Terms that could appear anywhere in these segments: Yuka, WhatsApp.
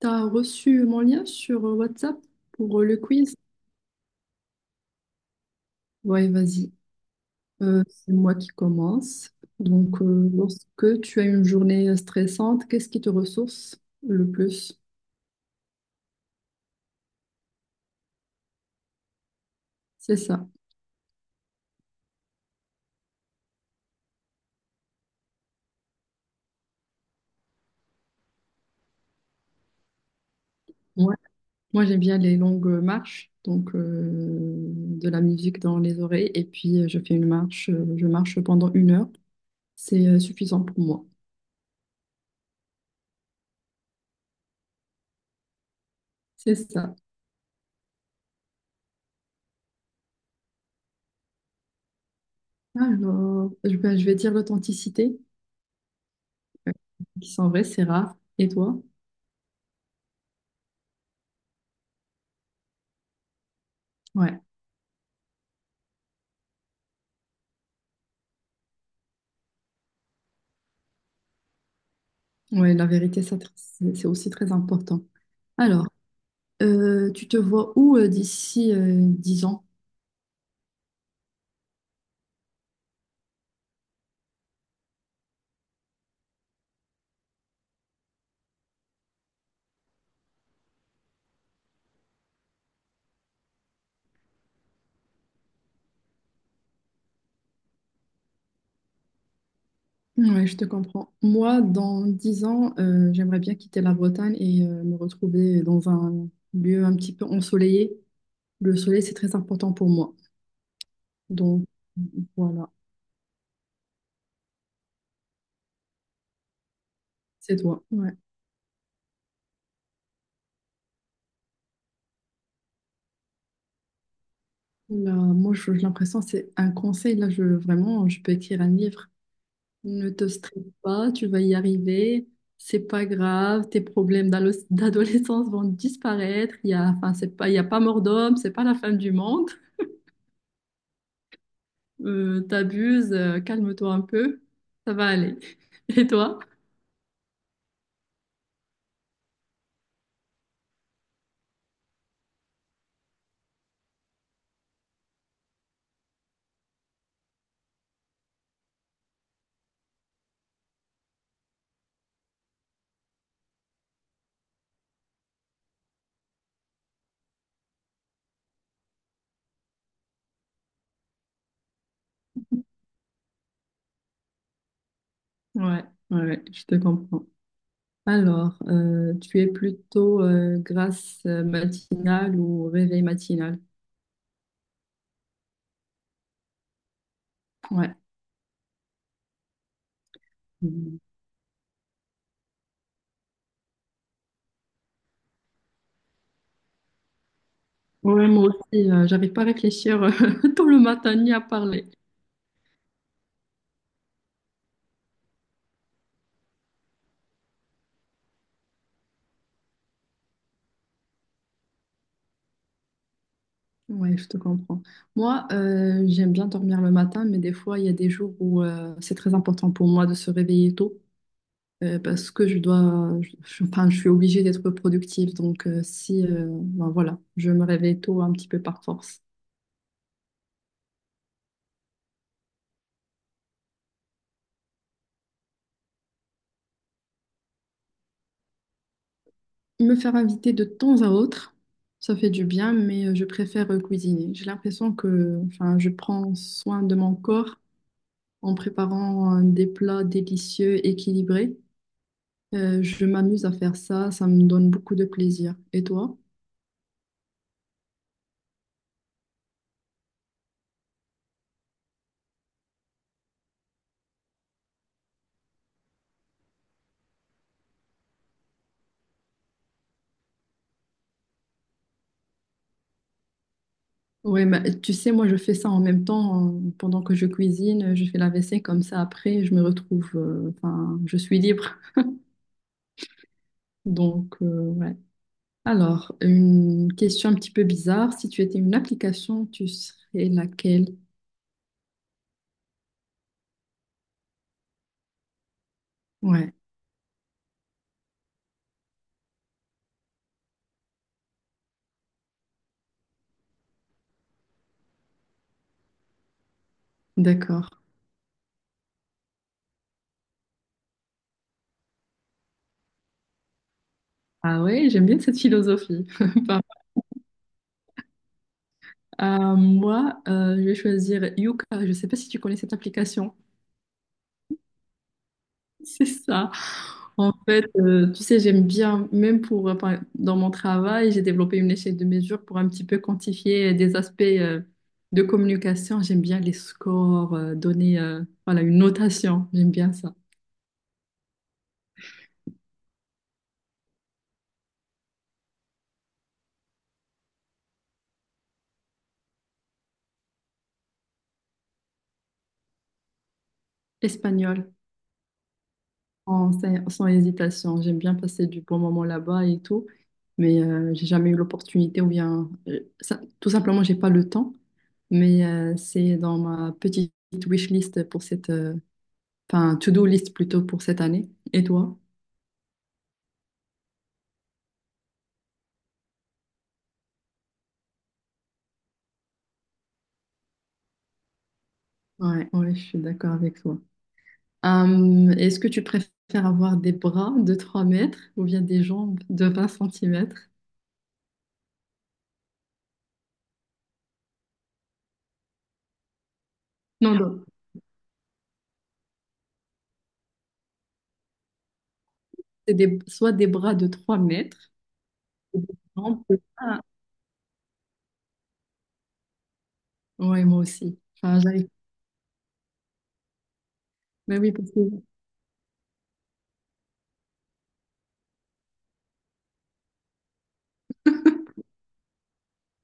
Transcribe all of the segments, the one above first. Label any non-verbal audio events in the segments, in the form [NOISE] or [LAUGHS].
T'as reçu mon lien sur WhatsApp pour le quiz? Ouais, vas-y. C'est moi qui commence. Donc, lorsque tu as une journée stressante, qu'est-ce qui te ressource le plus? C'est ça. Ouais. Moi, j'aime bien les longues marches, donc de la musique dans les oreilles, et puis je fais une marche, je marche pendant une heure. C'est suffisant pour moi. C'est ça. Alors, je vais dire l'authenticité, euh, qui sont vraies, c'est rare. Et toi? Ouais. Oui, la vérité, ça, c'est aussi très important. Alors, tu te vois où d'ici 10 ans? Oui, je te comprends. Moi, dans 10 ans, j'aimerais bien quitter la Bretagne et me retrouver dans un lieu un petit peu ensoleillé. Le soleil, c'est très important pour moi. Donc, voilà, c'est toi. Ouais. Là, moi, j'ai l'impression, c'est un conseil. Là, je, vraiment, je peux écrire un livre. Ne te stresse pas, tu vas y arriver. C'est pas grave, tes problèmes [LAUGHS] d'adolescence vont disparaître. Il y a, enfin, c'est pas, il y a pas mort d'homme, c'est pas la fin du monde. T'abuses, calme-toi un peu, ça va aller. [LAUGHS] Et toi? Ouais, ouais, ouais, je te comprends. Alors, tu es plutôt grasse matinale ou réveil matinal? Ouais. Mhm. Ouais, moi aussi, j'arrive pas à réfléchir [LAUGHS] tout le matin ni à parler. Ouais, je te comprends. Moi, j'aime bien dormir le matin, mais des fois, il y a des jours où c'est très important pour moi de se réveiller tôt parce que je dois, enfin, je suis obligée d'être productive. Donc, si, ben voilà, je me réveille tôt un petit peu par force. Me faire inviter de temps à autre, ça fait du bien, mais je préfère cuisiner. J'ai l'impression que, enfin, je prends soin de mon corps en préparant des plats délicieux, équilibrés. Je m'amuse à faire ça, ça me donne beaucoup de plaisir. Et toi? Oui, mais tu sais, moi je fais ça en même temps, pendant que je cuisine, je fais la vaisselle comme ça. Après, je me retrouve, enfin, je suis libre. Donc, ouais. Alors, une question un petit peu bizarre. Si tu étais une application, tu serais laquelle? Ouais, d'accord. Ah ouais, j'aime bien cette philosophie. [LAUGHS] Pas mal. Moi, je vais choisir Yuka. Je ne sais pas si tu connais cette application. C'est ça. En fait, tu sais, j'aime bien, même pour, dans mon travail, j'ai développé une échelle de mesure pour un petit peu quantifier des aspects de communication. J'aime bien les scores, donner voilà, une notation. J'aime bien ça. Espagnol, sans hésitation. J'aime bien passer du bon moment là-bas et tout. Mais j'ai jamais eu l'opportunité ou bien, tout simplement, j'ai pas le temps. Mais c'est dans ma petite wishlist pour cette, enfin to-do list plutôt pour cette année. Et toi? Ouais, ouais, je suis d'accord avec toi. Est-ce que tu préfères avoir des bras de 3 mètres ou bien des jambes de 20 centimètres? Non, non, soit des bras de 3 mètres ou des jambes de 1. Ouais, moi aussi. Enfin, j'arrive. Mais oui, parce que...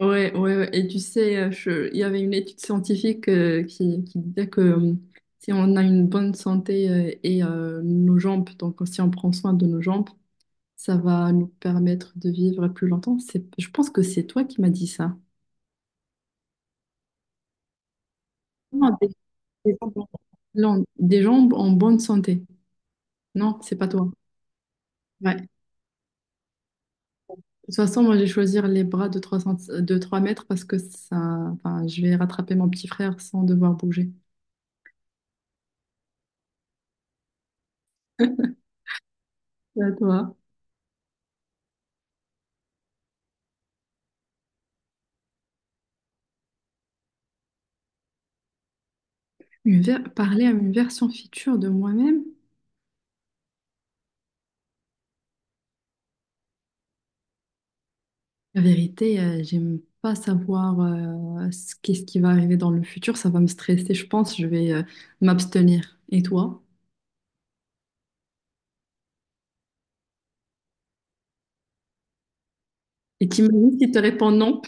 Ouais, ouais, ouais. Et tu sais, il y avait une étude scientifique qui disait que si on a une bonne santé et nos jambes, donc si on prend soin de nos jambes, ça va nous permettre de vivre plus longtemps. Je pense que c'est toi qui m'as dit ça. Non, des gens non, des gens en bonne santé. Non, c'est pas toi. Ouais. De toute façon, moi, j'ai choisi les bras de 3 mètres parce que ça, enfin, je vais rattraper mon petit frère sans devoir bouger. C'est à toi. Parler à une version future de moi-même. La vérité, j'aime pas savoir ce qu'est-ce qui va arriver dans le futur. Ça va me stresser, je pense. Je vais m'abstenir. Et toi? Et t'imagines s'il te répond non?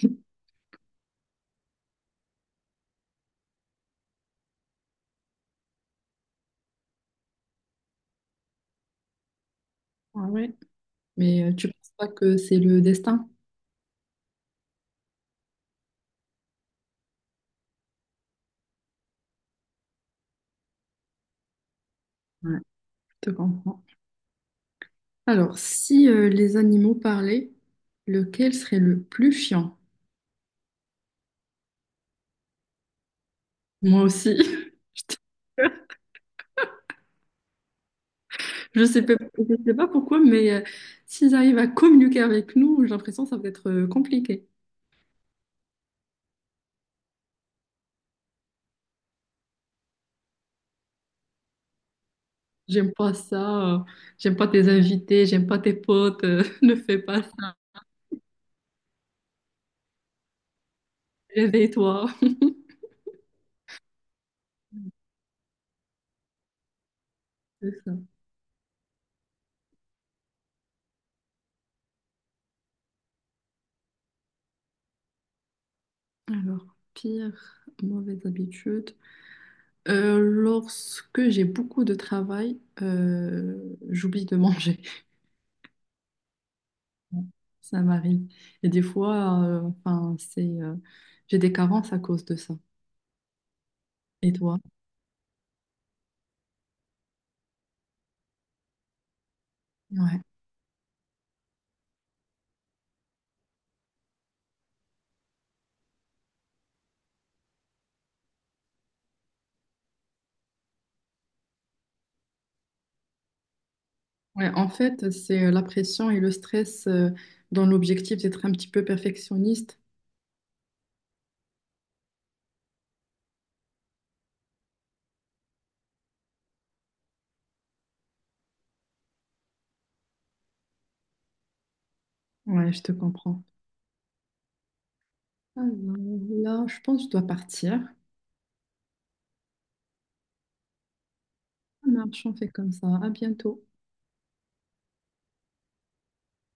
Ah ouais. Mais tu penses pas que c'est le destin? Ouais, je te comprends. Alors, si les animaux parlaient, lequel serait le plus chiant? Moi aussi. [LAUGHS] Je te- je sais pas, je sais pas pourquoi, mais s'ils arrivent à communiquer avec nous, j'ai l'impression que ça va être compliqué. J'aime pas ça. J'aime pas tes invités. J'aime pas tes potes. [LAUGHS] Ne fais pas ça. Réveille-toi. C'est ça. Alors, pire mauvaise habitude. Lorsque j'ai beaucoup de travail, j'oublie de [LAUGHS] manger. Ça m'arrive. Et des fois, enfin, c'est, j'ai des carences à cause de ça. Et toi? Ouais. Ouais, en fait, c'est la pression et le stress, dans l'objectif d'être un petit peu perfectionniste. Ouais, je te comprends. Alors, là, je pense que je dois partir. Ça marche, on fait comme ça. À bientôt.